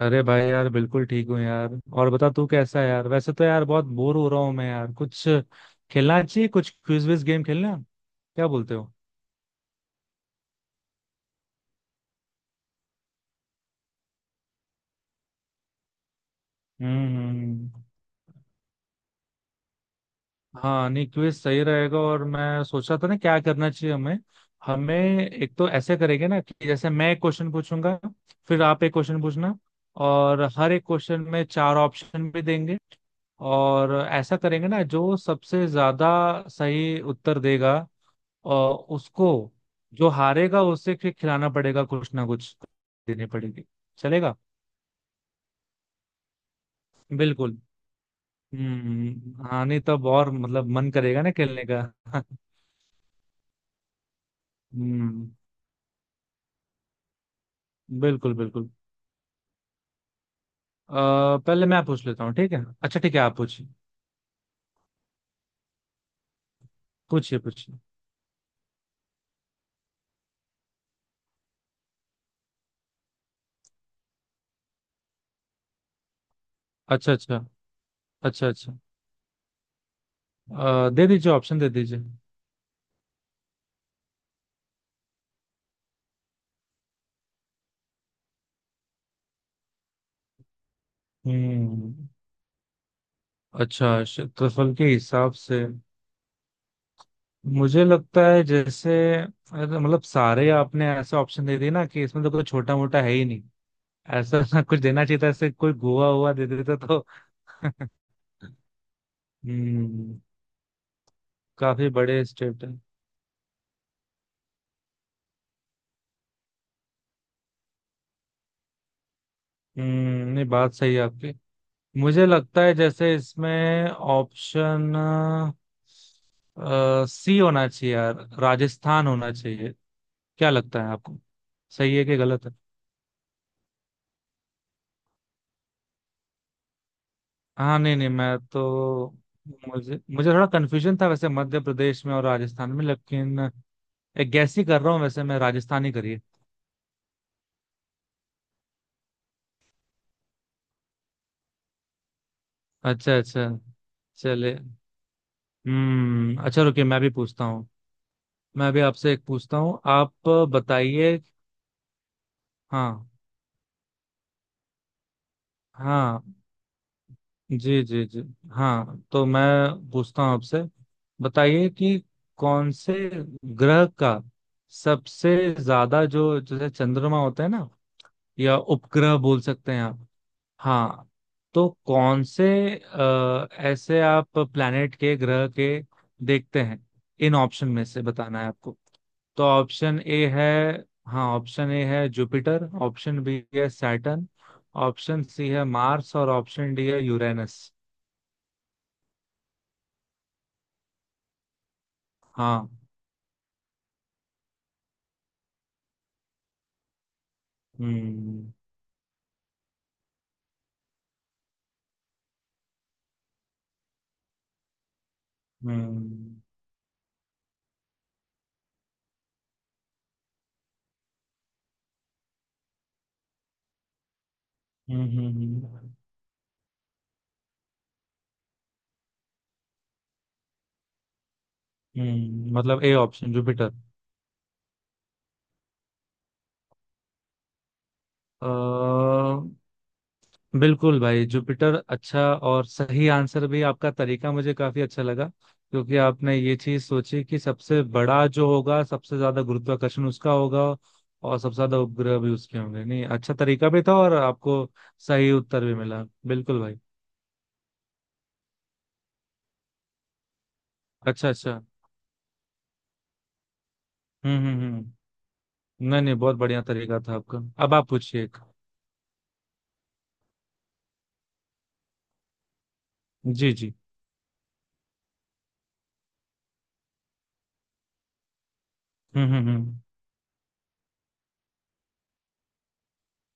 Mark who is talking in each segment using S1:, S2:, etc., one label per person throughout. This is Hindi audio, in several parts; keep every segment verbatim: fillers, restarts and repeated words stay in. S1: अरे भाई यार, बिल्कुल ठीक हूँ यार। और बता तू कैसा है यार। वैसे तो यार बहुत बोर हो रहा हूँ मैं यार, कुछ खेलना चाहिए, कुछ क्विज विज गेम खेलना। क्या बोलते हो? हम्म हम्म। हाँ, नहीं क्विज सही रहेगा और मैं सोचा था ना क्या करना चाहिए हमें हमें। एक तो ऐसे करेंगे ना कि जैसे मैं एक क्वेश्चन पूछूंगा, फिर आप एक क्वेश्चन पूछना। और हर एक क्वेश्चन में चार ऑप्शन भी देंगे। और ऐसा करेंगे ना, जो सबसे ज्यादा सही उत्तर देगा, और उसको, जो हारेगा उसे फिर खिलाना पड़ेगा कुछ ना कुछ, देने पड़ेगी। चलेगा? बिल्कुल। हम्म, हाँ, नहीं तब और मतलब मन करेगा ना खेलने का। हम्म, बिल्कुल बिल्कुल। अ, पहले मैं पूछ लेता हूँ, ठीक है। अच्छा ठीक है, आप पूछिए। पूछिए पूछिए। अच्छा अच्छा। अच्छा अच्छा। अ, दे दीजिए, ऑप्शन दे दीजिए। हम्म, अच्छा क्षेत्रफल के हिसाब से। मुझे लगता है जैसे अगर मतलब सारे आपने ऐसे ऑप्शन दे दिए ना कि इसमें तो कोई छोटा मोटा है ही नहीं। ऐसा कुछ देना चाहिए था, ऐसे कोई गोवा हुआ दे देता तो। हम्म। काफी बड़े स्टेट है। हम्म, नहीं बात सही है आपकी। मुझे लगता है जैसे इसमें ऑप्शन सी होना चाहिए यार, राजस्थान होना चाहिए। क्या लगता है आपको, सही है कि गलत है? हाँ, नहीं नहीं, मैं तो, मुझे मुझे थोड़ा कन्फ्यूजन था वैसे मध्य प्रदेश में और राजस्थान में, लेकिन एक गैस ही कर रहा हूँ वैसे, मैं राजस्थान ही करिए। अच्छा अच्छा। चले। हम्म, अच्छा रुकिए, मैं भी पूछता हूँ। मैं भी आपसे एक पूछता हूँ। आप बताइए। हाँ हाँ। जी जी जी। हाँ, तो मैं पूछता हूँ आपसे। बताइए कि कौन से ग्रह का सबसे ज्यादा, जो जैसे चंद्रमा होता है ना, या उपग्रह बोल सकते हैं आप। हाँ। तो कौन से, अ, ऐसे आप प्लैनेट के, ग्रह के देखते हैं। इन ऑप्शन में से बताना है आपको। तो ऑप्शन ए है, हाँ ऑप्शन ए है जुपिटर, ऑप्शन बी है सैटर्न, ऑप्शन सी है मार्स, और ऑप्शन डी है यूरेनस। हाँ। हम्म हम्म हम्म हम्म। हम्म, हम्म, मतलब ए ऑप्शन जुपिटर। अ बिल्कुल भाई, जुपिटर। अच्छा, और सही आंसर भी। आपका तरीका मुझे काफी अच्छा लगा, क्योंकि आपने ये चीज सोची कि सबसे बड़ा जो होगा सबसे ज्यादा गुरुत्वाकर्षण उसका होगा, और सबसे ज्यादा उपग्रह भी उसके होंगे। नहीं, अच्छा तरीका भी था और आपको सही उत्तर भी मिला, बिल्कुल भाई। अच्छा अच्छा। हम्म हम्म हम्म हम्म। नहीं नहीं, बहुत बढ़िया तरीका था आपका। अब आप पूछिए एक। जी जी। हम्म हम्म हम्म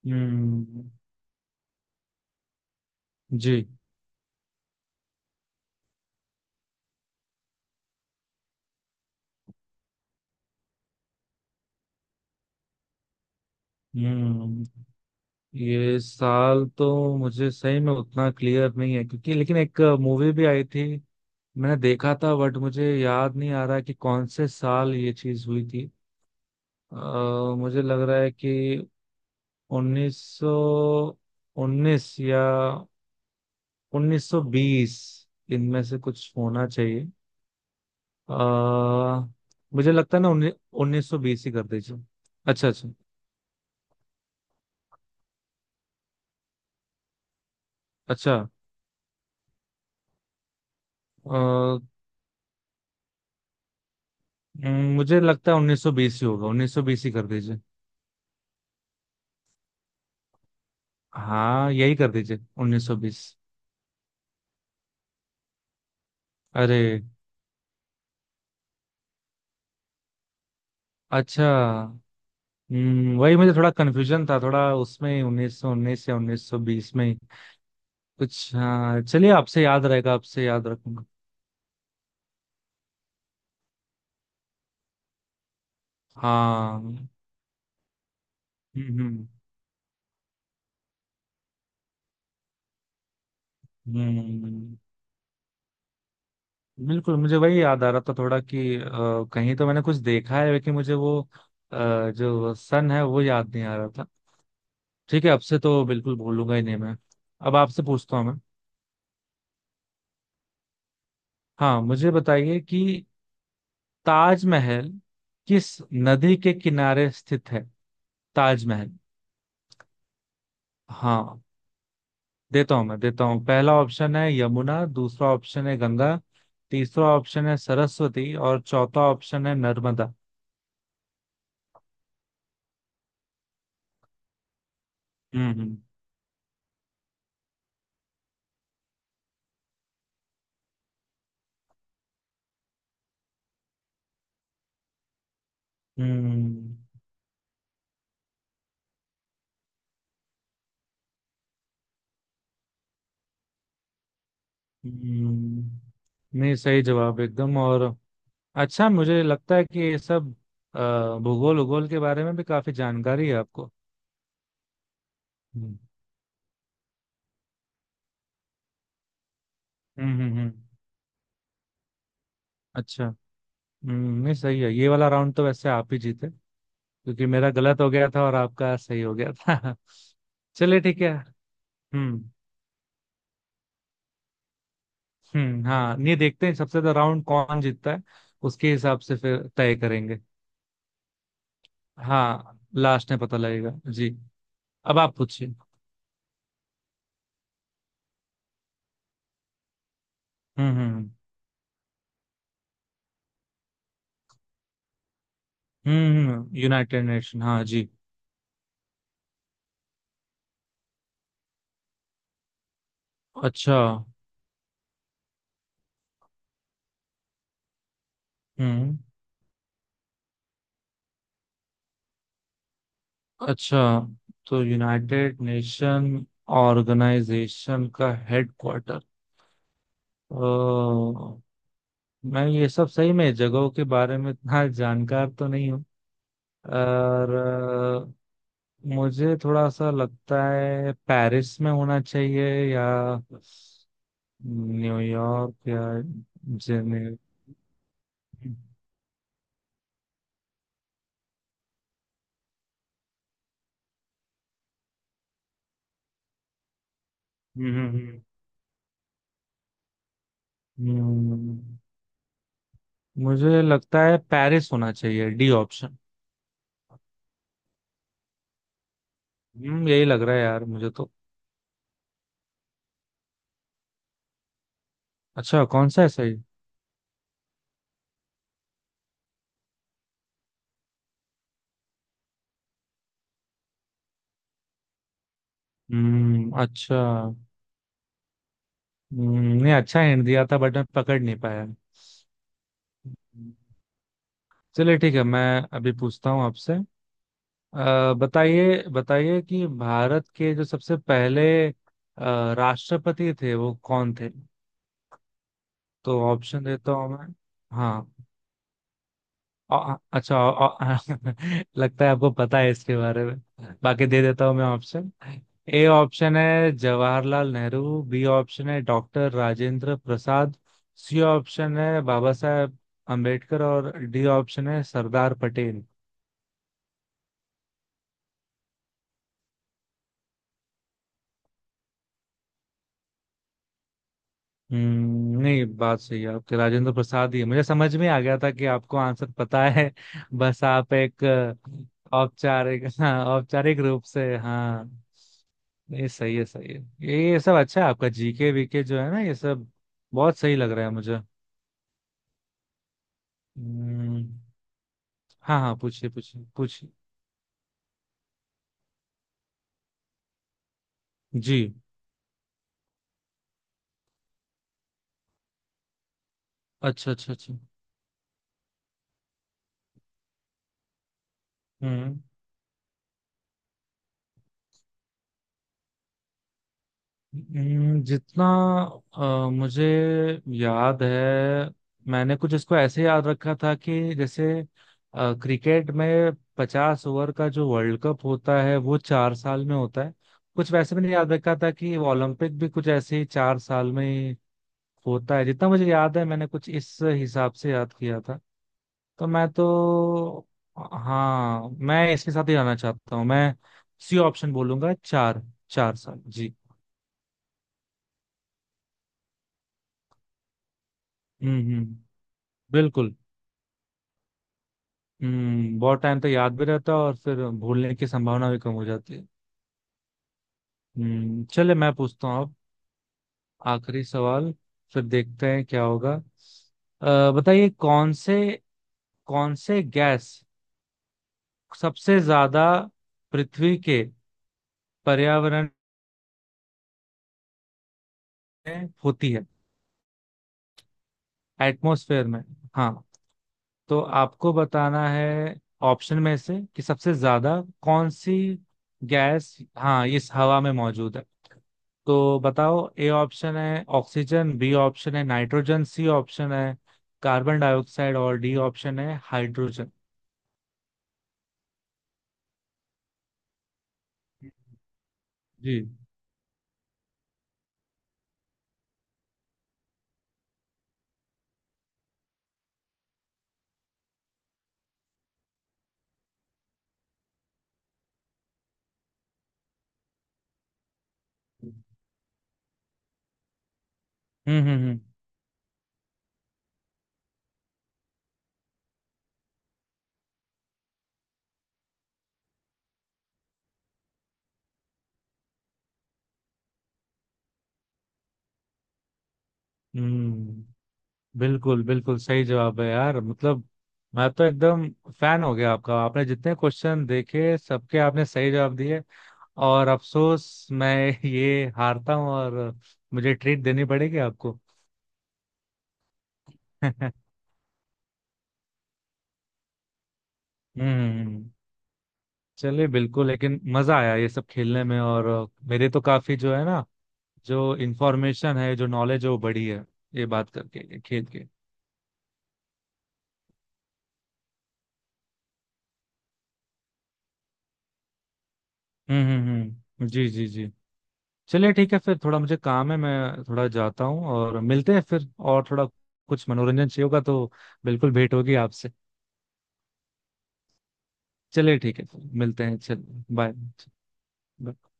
S1: हम्म। जी। हम्म, ये साल तो मुझे सही में उतना क्लियर नहीं है, क्योंकि लेकिन एक मूवी भी आई थी, मैंने देखा था, बट मुझे याद नहीं आ रहा कि कौन से साल ये चीज हुई थी। अ, मुझे लग रहा है कि उन्नीस सौ उन्नीस या उन्नीस सौ बीस, इनमें से कुछ होना चाहिए। आ, मुझे लगता है ना, उन्नी- उन्नीस सौ बीस ही कर दीजिए। अच्छा अच्छा। अच्छा, अ, मुझे लगता है उन्नीस सौ बीस ही होगा, उन्नीस सौ बीस ही कर, हाँ यही कर दीजिए, उन्नीस सौ बीस। अरे, अच्छा। हम्म, वही मुझे थोड़ा कन्फ्यूजन था, थोड़ा उसमें उन्नीस सौ उन्नीस या उन्नीस सौ बीस में ही कुछ। हाँ चलिए, आपसे याद रहेगा, आपसे याद रखूंगा। हाँ। हम्म हम्म हम्म। बिल्कुल, मुझे वही याद आ रहा था, थोड़ा कि अ, कहीं तो मैंने कुछ देखा है, लेकिन मुझे वो अ, जो सन है वो याद नहीं आ रहा था। ठीक है, आपसे तो बिल्कुल भूलूंगा ही नहीं मैं। अब आपसे पूछता हूँ मैं। हाँ, मुझे बताइए कि ताजमहल किस नदी के किनारे स्थित है। ताजमहल। हाँ, देता हूं मैं देता हूँ। पहला ऑप्शन है यमुना, दूसरा ऑप्शन है गंगा, तीसरा ऑप्शन है सरस्वती, और चौथा ऑप्शन है नर्मदा। हम्म हम्म हम्म। हम्म। नहीं, सही जवाब, एकदम, और अच्छा। मुझे लगता है कि ये सब अ, भूगोल उगोल के बारे में भी काफी जानकारी है आपको। हम्म हम्म हम्म। हम्म। अच्छा। हम्म, नहीं सही है, ये वाला राउंड तो वैसे आप ही जीते, क्योंकि मेरा गलत हो गया था और आपका सही हो गया था। चलिए ठीक है। हम्म। हम्म, हाँ ये देखते हैं सबसे ज्यादा राउंड कौन जीतता है, उसके हिसाब से फिर तय करेंगे। हाँ, लास्ट में पता लगेगा जी। अब आप पूछिए। हम्म हम्म। हम्म, यूनाइटेड नेशन, हाँ जी। अच्छा। हम्म, अच्छा तो यूनाइटेड नेशन ऑर्गेनाइजेशन का हेडक्वार्टर। ओ, मैं ये सब सही में जगहों के बारे में इतना जानकार तो नहीं हूँ। और अ, मुझे थोड़ा सा लगता है पेरिस में होना चाहिए, या न्यूयॉर्क, या जेनेवा। हम्म हम्म। हम्म। हम्म, मुझे लगता है पेरिस होना चाहिए, डी ऑप्शन। हम्म, यही लग रहा है यार मुझे तो। अच्छा, कौन सा है सही? हम्म, अच्छा। हम्म, नहीं अच्छा हिंट दिया था, बट मैं पकड़ नहीं पाया। हम्म। चलिए ठीक है, मैं अभी पूछता हूँ आपसे। अ, बताइए, बताइए कि भारत के जो सबसे पहले अ, राष्ट्रपति थे वो कौन थे। तो ऑप्शन देता हूँ मैं। हाँ। अ- अच्छा अ- लगता है आपको पता है इसके बारे में। बाकी दे देता हूँ मैं ऑप्शन। ए ऑप्शन है जवाहरलाल नेहरू, बी ऑप्शन है doctor Rajendra Prasad, C option है बाबा साहेब अम्बेडकर, और डी ऑप्शन है सरदार पटेल। हम्म, नहीं बात सही है आपके, राजेंद्र प्रसाद ही है। मुझे समझ में आ गया था कि आपको आंसर पता है। बस आप एक अ, औपचारिक, हाँ औपचारिक रूप से, हाँ। ये सही है, सही है। ये ये सब अच्छा है आपका, जीके वीके जो है ना, ये सब बहुत सही लग रहा है मुझे। हम्म। हाँ हाँ, पूछिए पूछिए पूछिए। जी। अच्छा अच्छा अच्छा। हम्म, हम्म, जितना अ, मुझे याद है, मैंने कुछ इसको ऐसे याद रखा था कि जैसे अ, क्रिकेट में पचास ओवर का जो वर्ल्ड कप होता है वो चार साल में होता है। कुछ वैसे मैंने याद रखा था कि वो ओलंपिक भी कुछ ऐसे ही चार साल में ही होता है, जितना मुझे याद है मैंने कुछ इस हिसाब से याद किया था। तो मैं तो हाँ, मैं इसके साथ ही जाना चाहता हूँ मैं। सी ऑप्शन बोलूंगा, चार, चार साल जी। हम्म हम्म, बिल्कुल। हम्म, बहुत टाइम तक याद भी रहता है और फिर भूलने की संभावना भी कम हो जाती है। हम्म चले, मैं पूछता हूँ अब आखिरी सवाल, फिर देखते हैं क्या होगा। अ, बताइए कौन से कौन से गैस सबसे ज्यादा पृथ्वी के पर्यावरण में होती है, एटमॉस्फेयर में। हाँ, तो आपको बताना है ऑप्शन में से कि सबसे ज्यादा कौन सी गैस हाँ इस हवा में मौजूद है। तो बताओ, ए ऑप्शन है ऑक्सीजन, बी ऑप्शन है नाइट्रोजन, सी ऑप्शन है कार्बन डाइऑक्साइड, और डी ऑप्शन है हाइड्रोजन। जी। हम्म हम्म हम्म हम्म। बिल्कुल बिल्कुल सही जवाब है यार, मतलब मैं तो एकदम फैन हो गया आपका। आपने जितने क्वेश्चन देखे सबके आपने सही जवाब दिए, और अफसोस मैं ये हारता हूँ और मुझे ट्रीट देनी पड़ेगी आपको। हम्म। हम्म। चलिए बिल्कुल, लेकिन मजा आया ये सब खेलने में, और अ, मेरे तो काफी, जो है ना, जो इंफॉर्मेशन है, जो नॉलेज है वो बढ़ी है ये बात करके, ये खेल के। हम्म हम्म हम्म। जी जी जी। चलिए ठीक है, फिर थोड़ा मुझे काम है, मैं थोड़ा जाता हूँ और मिलते हैं फिर। और थोड़ा कुछ मनोरंजन चाहिए होगा तो बिल्कुल भेंट होगी आपसे। चलिए ठीक है, फिर मिलते हैं, चलिए। बाय।